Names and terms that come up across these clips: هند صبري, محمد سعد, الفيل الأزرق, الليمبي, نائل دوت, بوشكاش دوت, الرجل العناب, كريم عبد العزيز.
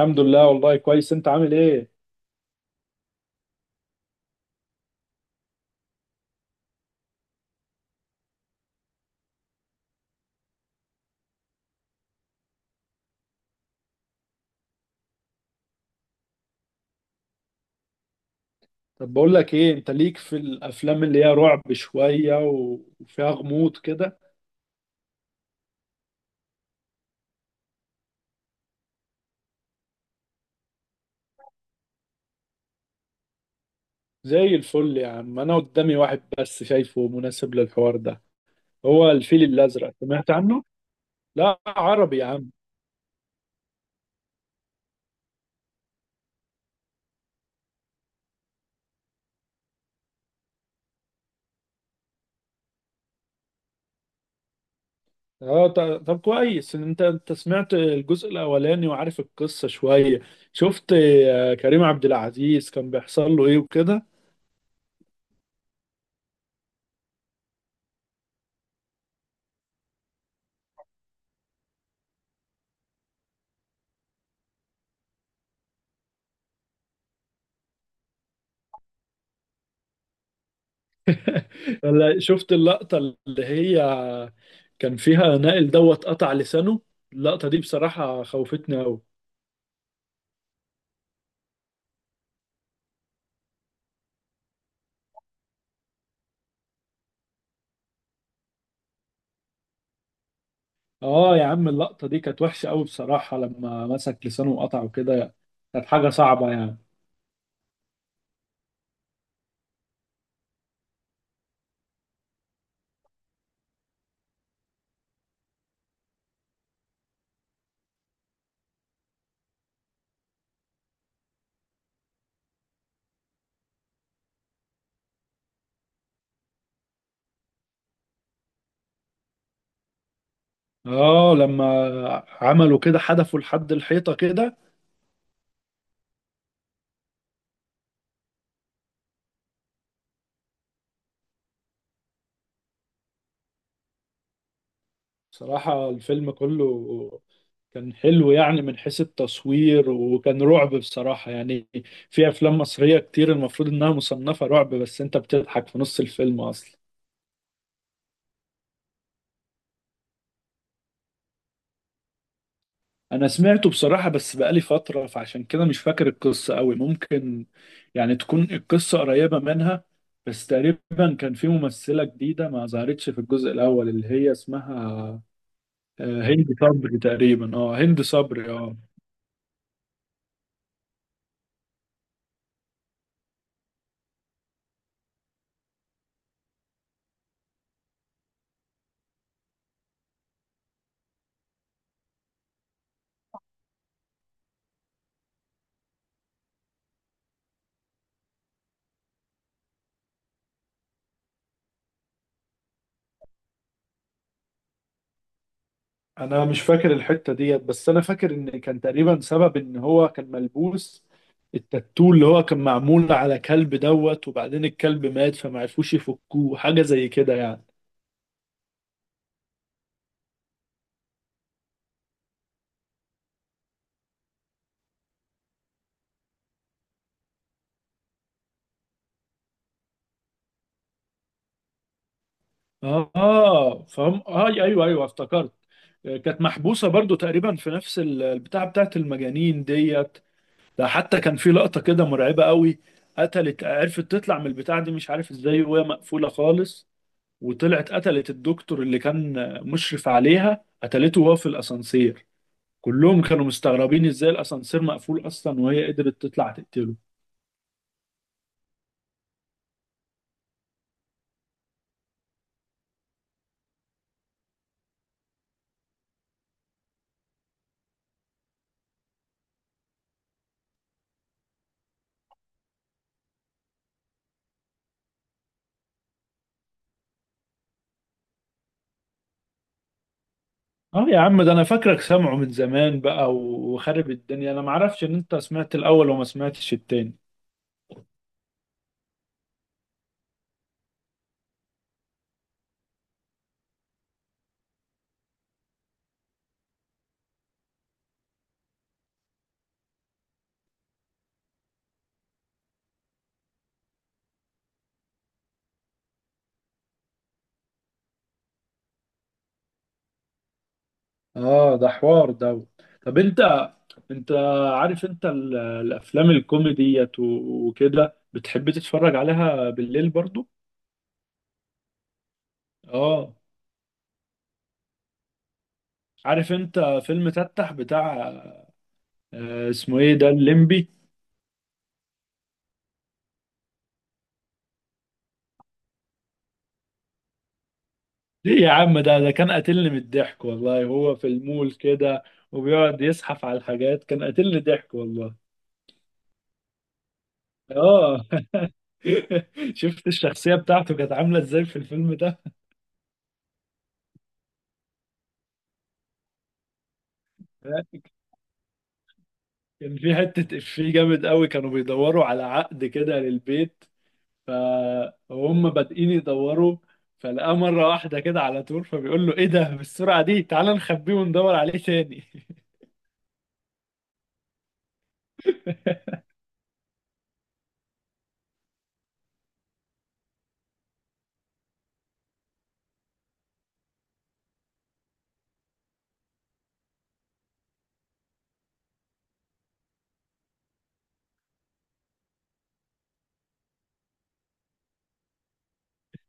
الحمد لله، والله كويس. انت عامل ايه؟ طب بقول لك ايه، انت ليك في الافلام اللي هي رعب شوية و- وفيها غموض كده؟ زي الفل يا عم، انا قدامي واحد بس شايفه مناسب للحوار ده. هو الفيل الازرق، سمعت عنه؟ لا عربي يا عم. اه، طب كويس ان انت سمعت الجزء الاولاني وعارف القصة شوية. شفت كريم عبد العزيز كان بيحصل له ايه وكده؟ ولا شفت اللقطة اللي هي كان فيها نائل دوت قطع لسانه؟ اللقطة دي بصراحة خوفتني أوي. اه يا عم، اللقطة دي كانت وحشة أوي بصراحة، لما مسك لسانه وقطعه كده كانت حاجة صعبة يعني. اه لما عملوا كده حدفوا لحد الحيطة كده. بصراحة الفيلم كله كان حلو، يعني من حيث التصوير، وكان رعب بصراحة يعني. في أفلام مصرية كتير المفروض إنها مصنفة رعب، بس أنت بتضحك في نص الفيلم أصلا. انا سمعته بصراحة، بس بقالي فترة فعشان كده مش فاكر القصة قوي. ممكن يعني تكون القصة قريبة منها، بس تقريبا كان في ممثلة جديدة ما ظهرتش في الجزء الاول اللي هي اسمها هند صبري تقريبا. اه هند صبري، اه. انا مش فاكر الحتة ديت، بس انا فاكر ان كان تقريبا سبب ان هو كان ملبوس التاتو اللي هو كان معمول على كلب دوت، وبعدين الكلب مات فما عرفوش يفكوه، حاجة زي كده يعني. اه فهم، اه ايوه ايوه افتكرت. كانت محبوسه برضو تقريبا في نفس ال- البتاعه بتاعت المجانين ديت. ده حتى كان في لقطه كده مرعبه قوي، قتلت عرفت تطلع من البتاعه دي مش عارف ازاي، وهي مقفوله خالص، وطلعت قتلت الدكتور اللي كان مشرف عليها، قتلته وهو في الاسانسير. كلهم كانوا مستغربين ازاي الاسانسير مقفول اصلا وهي قدرت تطلع تقتله. اه يا عم، ده انا فاكرك سامعه من زمان بقى وخارب الدنيا، انا معرفش ان انت سمعت الاول وما سمعتش التاني. اه ده حوار ده. طب انت، انت عارف انت ال- الافلام الكوميديت و- وكده بتحب تتفرج عليها بالليل برضو؟ اه، عارف انت فيلم تتح بتاع اسمه ايه ده، الليمبي؟ ليه يا عم، ده كان قاتلني من الضحك والله. هو في المول كده وبيقعد يزحف على الحاجات، كان قاتلني ضحك والله. اه شفت الشخصية بتاعته كانت عاملة ازاي في الفيلم؟ ده كان في حتة إفيه جامد قوي، كانوا بيدوروا على عقد كده للبيت، فهم بادئين يدوروا فلقاه مرة واحدة كده على طول، فبيقول له إيه ده بالسرعة دي، تعال نخبيه وندور عليه تاني.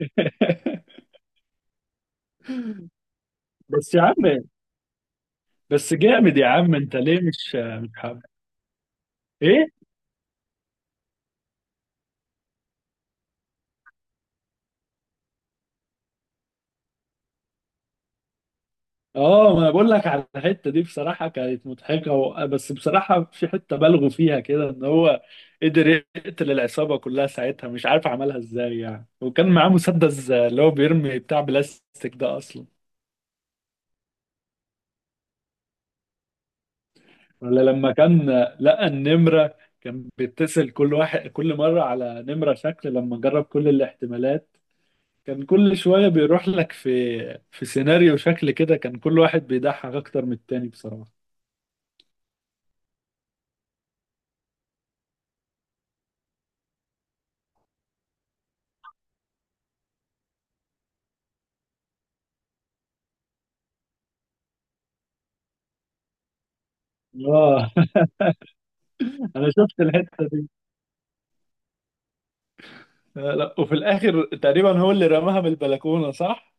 بس يا عم، بس جامد يا عم، أنت ليه مش حابب؟ إيه؟ اه، ما انا بقول لك على الحته دي، بصراحه كانت مضحكه بس بصراحه في حته بالغوا فيها كده، ان هو قدر يقتل العصابه كلها ساعتها، مش عارف عملها ازاي يعني، وكان معاه مسدس اللي هو بيرمي بتاع بلاستيك ده اصلا. ولا لما كان لقى النمره كان بيتصل كل واحد كل مره على نمره شكل، لما جرب كل الاحتمالات كان كل شويه بيروح لك في سيناريو شكل كده، كان كل واحد بيضحك اكتر من التاني بصراحه. اه انا شفت الحته دي. لا لا، وفي الاخر تقريبا هو اللي رماها من البلكونه، صح؟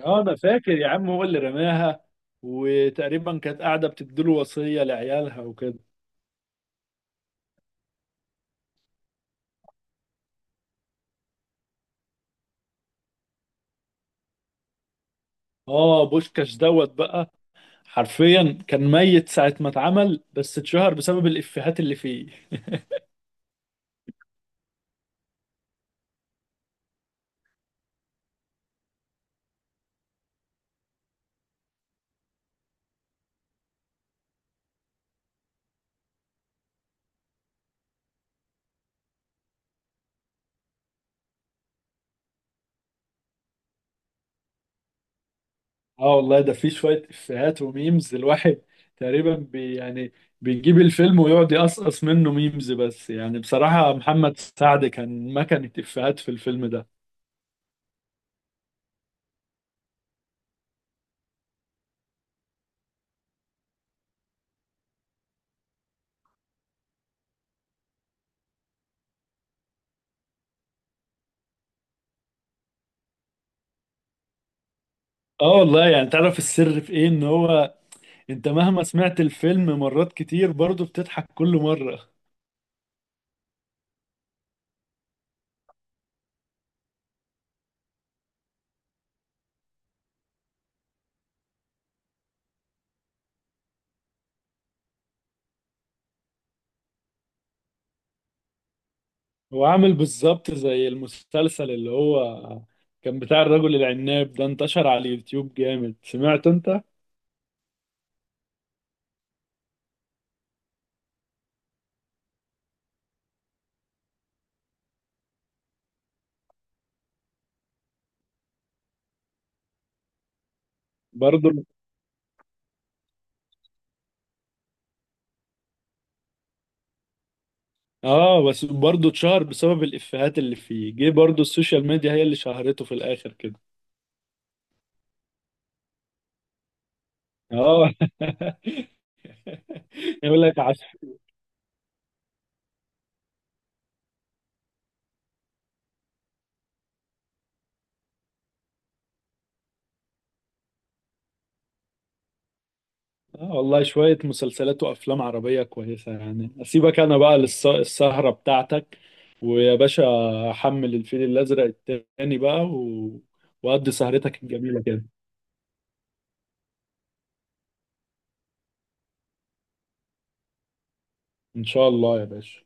اه انا فاكر يا عم، هو اللي رماها، وتقريبا كانت قاعده بتديله وصيه لعيالها وكده. اه، بوشكاش دوت بقى حرفيا كان ميت ساعه ما اتعمل، بس اتشهر بسبب الافيهات اللي فيه. اه والله، ده فيه شويه افيهات وميمز، الواحد تقريبا يعني بيجيب الفيلم ويقعد يقصقص منه ميمز بس، يعني بصراحه محمد سعد كان مكنه افيهات في الفيلم ده. اه والله، يعني تعرف السر في ايه، ان هو انت مهما سمعت الفيلم مرات كتير برضه بتضحك كل مرة. هو عامل بالظبط زي المسلسل اللي هو كان بتاع الرجل العناب ده، انتشر على اليوتيوب جامد، سمعت انت؟ برضه. اه بس برضه اتشهر بسبب الافيهات اللي فيه، جه برضه السوشيال ميديا هي اللي شهرته في الاخر كده. اه يقول لك، آه والله شوية مسلسلات وأفلام عربية كويسة يعني. أسيبك أنا بقى للسهرة بتاعتك، ويا باشا أحمل الفيل الأزرق التاني بقى، و... وأدي سهرتك الجميلة كده. إن شاء الله يا باشا.